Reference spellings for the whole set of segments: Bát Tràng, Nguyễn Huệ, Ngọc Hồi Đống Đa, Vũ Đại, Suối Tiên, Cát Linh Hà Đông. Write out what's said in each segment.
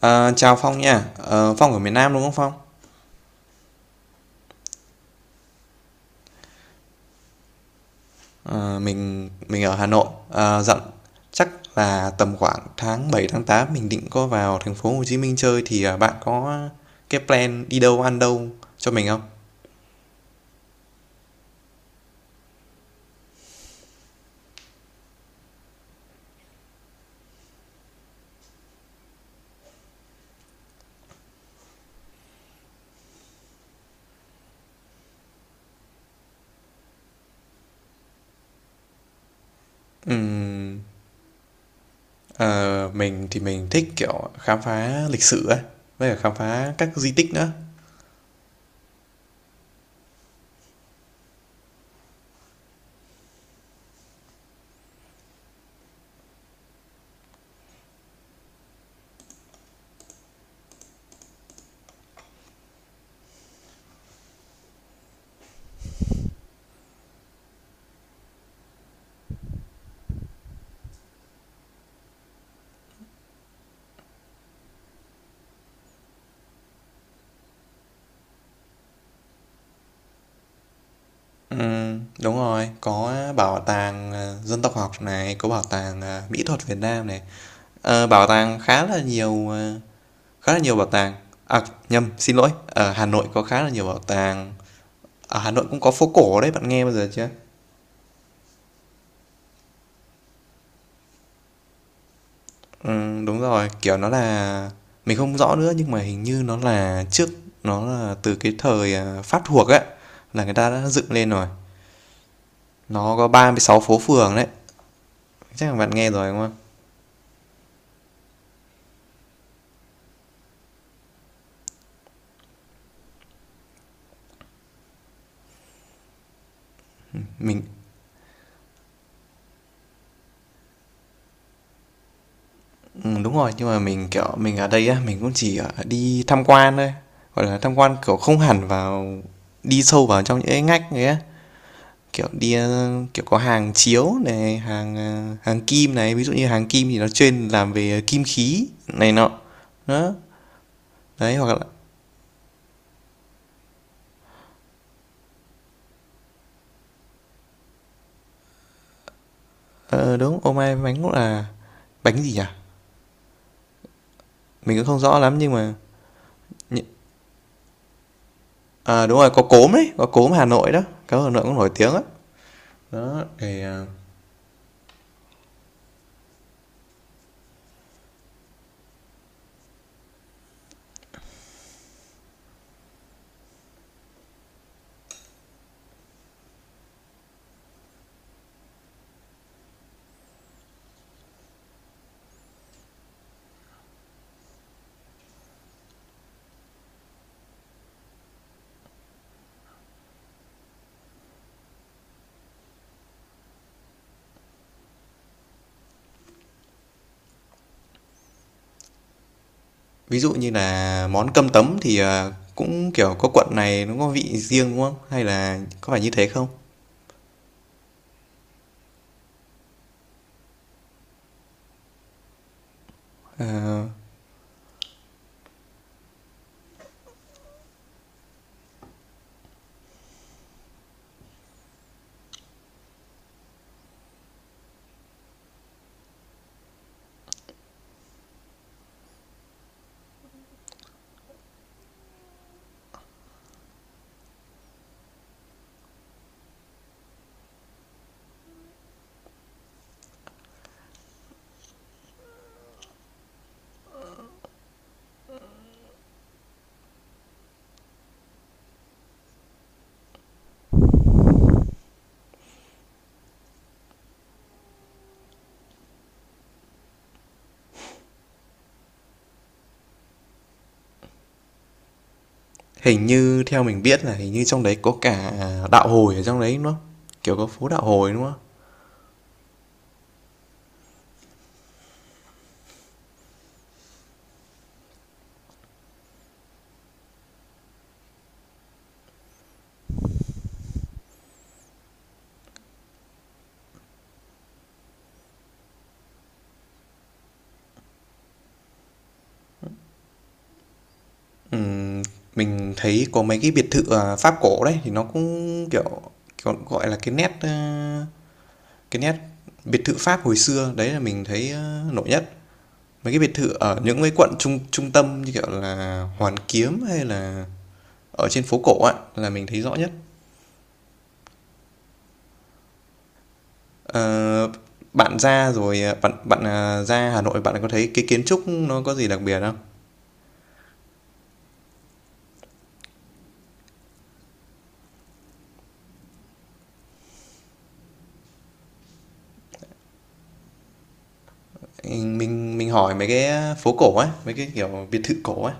Ờ, chào Phong nha. Ờ, Phong ở miền Nam đúng không, Phong? Mình ở Hà Nội. Ờ, dặn chắc là tầm khoảng tháng 7 tháng 8 mình định có vào thành phố Hồ Chí Minh chơi thì bạn có cái plan đi đâu ăn đâu cho mình không? Ừm, ờ, mình thì mình thích kiểu khám phá lịch sử ấy, với cả khám phá các di tích nữa. Đúng rồi, có bảo tàng dân tộc học này, có bảo tàng mỹ thuật Việt Nam này. Bảo tàng khá là nhiều bảo tàng. À, nhầm, xin lỗi, ở Hà Nội có khá là nhiều bảo tàng. Ở Hà Nội cũng có phố cổ đấy, bạn nghe bao giờ chưa? Ừ, đúng rồi, kiểu nó là, mình không rõ nữa nhưng mà hình như nó là trước, nó là từ cái thời Pháp thuộc ấy, là người ta đã dựng lên rồi. Nó có 36 phố phường đấy, chắc là bạn nghe rồi đúng không? mình ừ, đúng rồi, nhưng mà mình kiểu mình ở đây á, mình cũng chỉ đi tham quan thôi, gọi là tham quan kiểu không hẳn vào đi sâu vào trong những cái ngách ấy á. Kiểu đi, kiểu, có hàng chiếu này, hàng kim này, ví dụ như hàng kim thì nó chuyên làm về kim khí này nọ. Đó, đấy, hoặc là ờ, đúng, ô mai bánh cũng là bánh gì nhỉ? Mình cũng không rõ lắm nhưng mà đúng rồi, có cốm đấy, có cốm Hà Nội đó, có Hà Nội cũng nổi tiếng á. Đó, thì, ví dụ như là món cơm tấm thì, cũng, kiểu, có quận này nó có vị riêng, đúng không? Hay là có phải như thế không? Hình như theo mình biết là hình như trong đấy có cả đạo Hồi ở trong đấy, đúng không? Kiểu có phố đạo Hồi, đúng không? Mình thấy có mấy cái biệt thự, Pháp cổ đấy thì nó cũng, kiểu, kiểu, gọi là, cái nét biệt thự Pháp hồi xưa, đấy là mình thấy, nổi nhất. Mấy cái biệt thự ở những cái quận trung trung tâm như, kiểu là, Hoàn Kiếm hay là ở trên phố cổ ạ là mình thấy rõ nhất. Ờ, Bạn ra rồi, à, bạn bạn, à, ra Hà Nội bạn có thấy cái kiến trúc nó có gì đặc biệt không? Ừ, mình hỏi mấy cái phố cổ ấy, mấy cái kiểu biệt thự cổ ấy.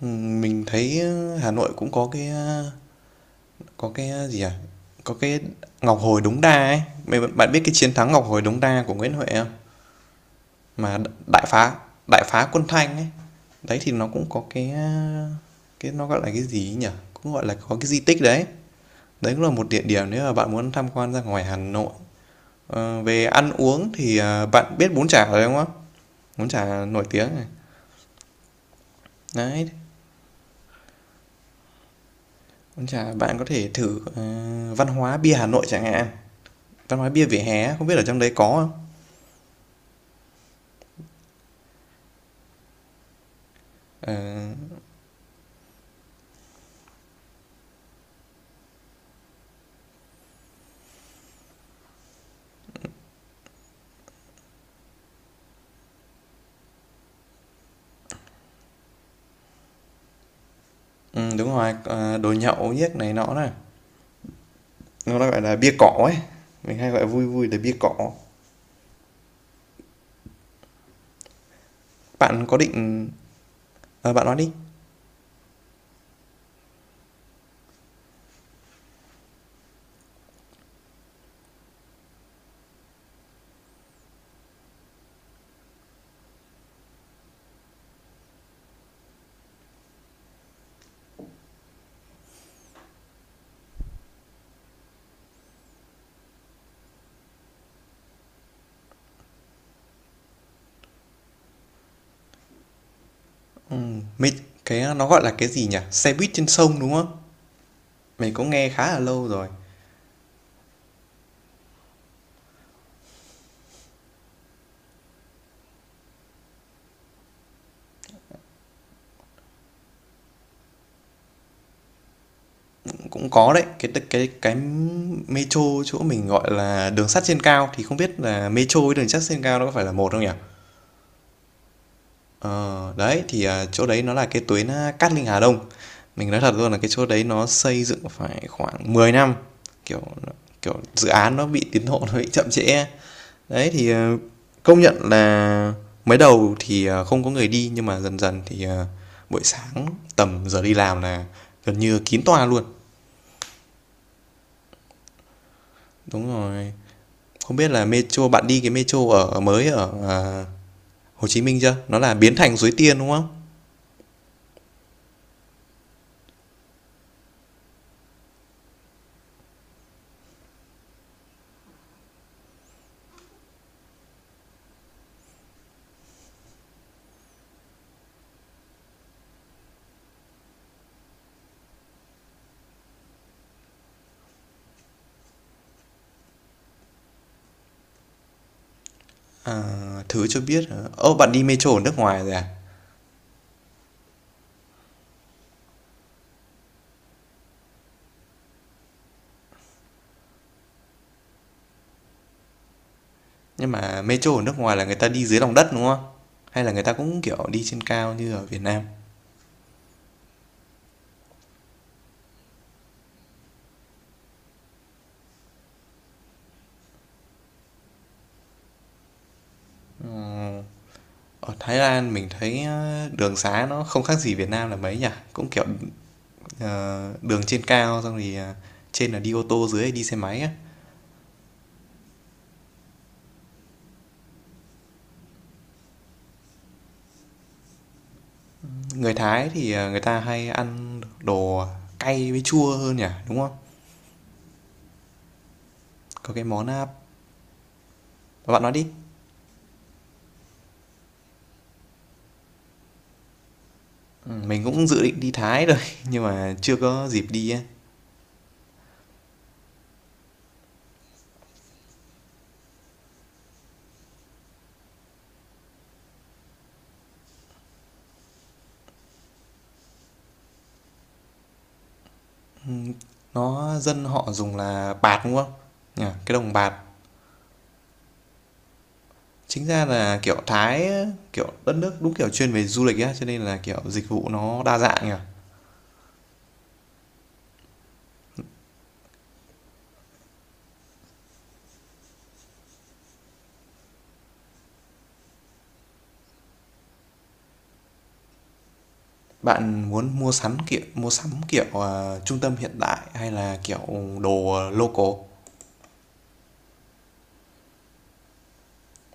Ừ, mình thấy Hà Nội cũng có cái gì à? Có cái Ngọc Hồi Đống Đa ấy. Mày bạn biết cái chiến thắng Ngọc Hồi Đống Đa của Nguyễn Huệ không? Mà đại phá đại phá quân Thanh ấy. Đấy thì nó cũng có cái nó gọi là cái gì ấy nhỉ? Cũng gọi là có cái di tích đấy. Đấy cũng là một địa điểm nếu mà bạn muốn tham quan ra ngoài Hà Nội. Về ăn uống thì bạn biết bún chả rồi đúng không? Bún chả nổi tiếng này. Đấy, con chà, bạn có thể thử, văn hóa bia Hà Nội chẳng hạn, văn hóa bia vỉa hè không biết ở trong đấy có không? Ờ, Đúng rồi, đồ nhậu nhếch này nọ này. Nó gọi là bia cỏ ấy, mình hay gọi vui vui là bia cỏ. Bạn có định bạn nói đi. Mình cái nó gọi là cái gì nhỉ? Xe buýt trên sông, đúng không? Mình cũng nghe khá là lâu rồi, cũng có đấy, cái metro chỗ mình gọi là đường sắt trên cao thì không biết là metro với đường sắt trên cao nó có phải là một không nhỉ? Ờ, Đấy, thì, chỗ đấy nó là cái tuyến, Cát Linh Hà Đông. Mình nói thật luôn là cái chỗ đấy nó xây dựng phải khoảng 10 năm, kiểu, kiểu, dự án nó bị tiến độ nó bị chậm trễ. Đấy, thì, công nhận là mới đầu thì, không có người đi nhưng mà dần dần thì, buổi sáng tầm giờ đi làm là gần như kín toa luôn. Đúng rồi. Không biết là metro bạn đi cái metro ở mới ở, Hồ Chí Minh chưa? Nó là biến thành Suối Tiên, đúng không? À, thử cho biết, bạn đi metro ở nước ngoài rồi à? Nhưng mà metro ở nước ngoài là người ta đi dưới lòng đất đúng không? Hay là người ta cũng kiểu đi trên cao như ở Việt Nam? Ở Thái Lan mình thấy đường xá nó không khác gì Việt Nam là mấy nhỉ? Cũng kiểu đường trên cao xong thì trên là đi ô tô dưới là đi xe máy á. Người Thái thì người ta hay ăn đồ cay với chua hơn nhỉ, đúng không? Có cái món à, bạn nói đi. Ừ, mình cũng dự định đi Thái rồi nhưng mà chưa có dịp đi á. Nó dân họ dùng là bạt đúng không? Nhỉ, cái đồng bạt. Chính ra là, kiểu, Thái, kiểu, đất nước đúng, kiểu, chuyên về du lịch á, cho nên là, kiểu, dịch vụ nó đa dạng nhỉ. Bạn muốn mua sắm, kiểu, trung tâm hiện đại hay là, kiểu, đồ, local?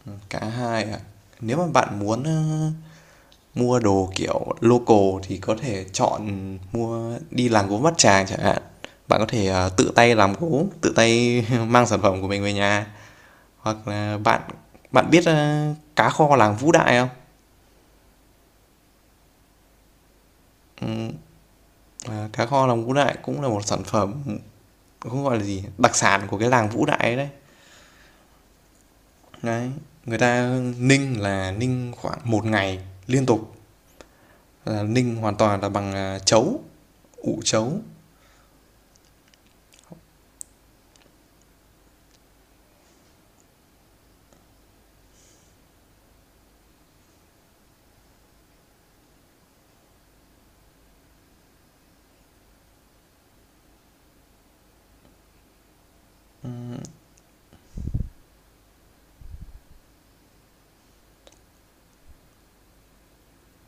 Cả hai ạ. Nếu mà bạn muốn, mua đồ, kiểu, local thì có thể chọn mua đi làm gốm Bát Tràng chẳng hạn. Bạn có thể, tự tay làm gốm, tự tay mang sản phẩm của mình về nhà. Hoặc là bạn bạn biết, cá kho làng Vũ Đại không? Ừm, À, cá kho lòng Vũ Đại cũng là một sản phẩm, không gọi là gì, đặc sản của cái làng Vũ Đại đấy. Đấy, người ta ninh là ninh khoảng một ngày liên tục, là ninh hoàn toàn là bằng chấu ủ chấu.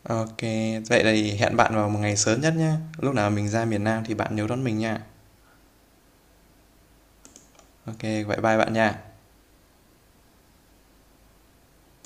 Ok, vậy thì hẹn bạn vào một ngày sớm nhất nhá. Lúc nào mình ra miền Nam thì bạn nhớ đón mình nha. Ok, vậy bye bạn nha.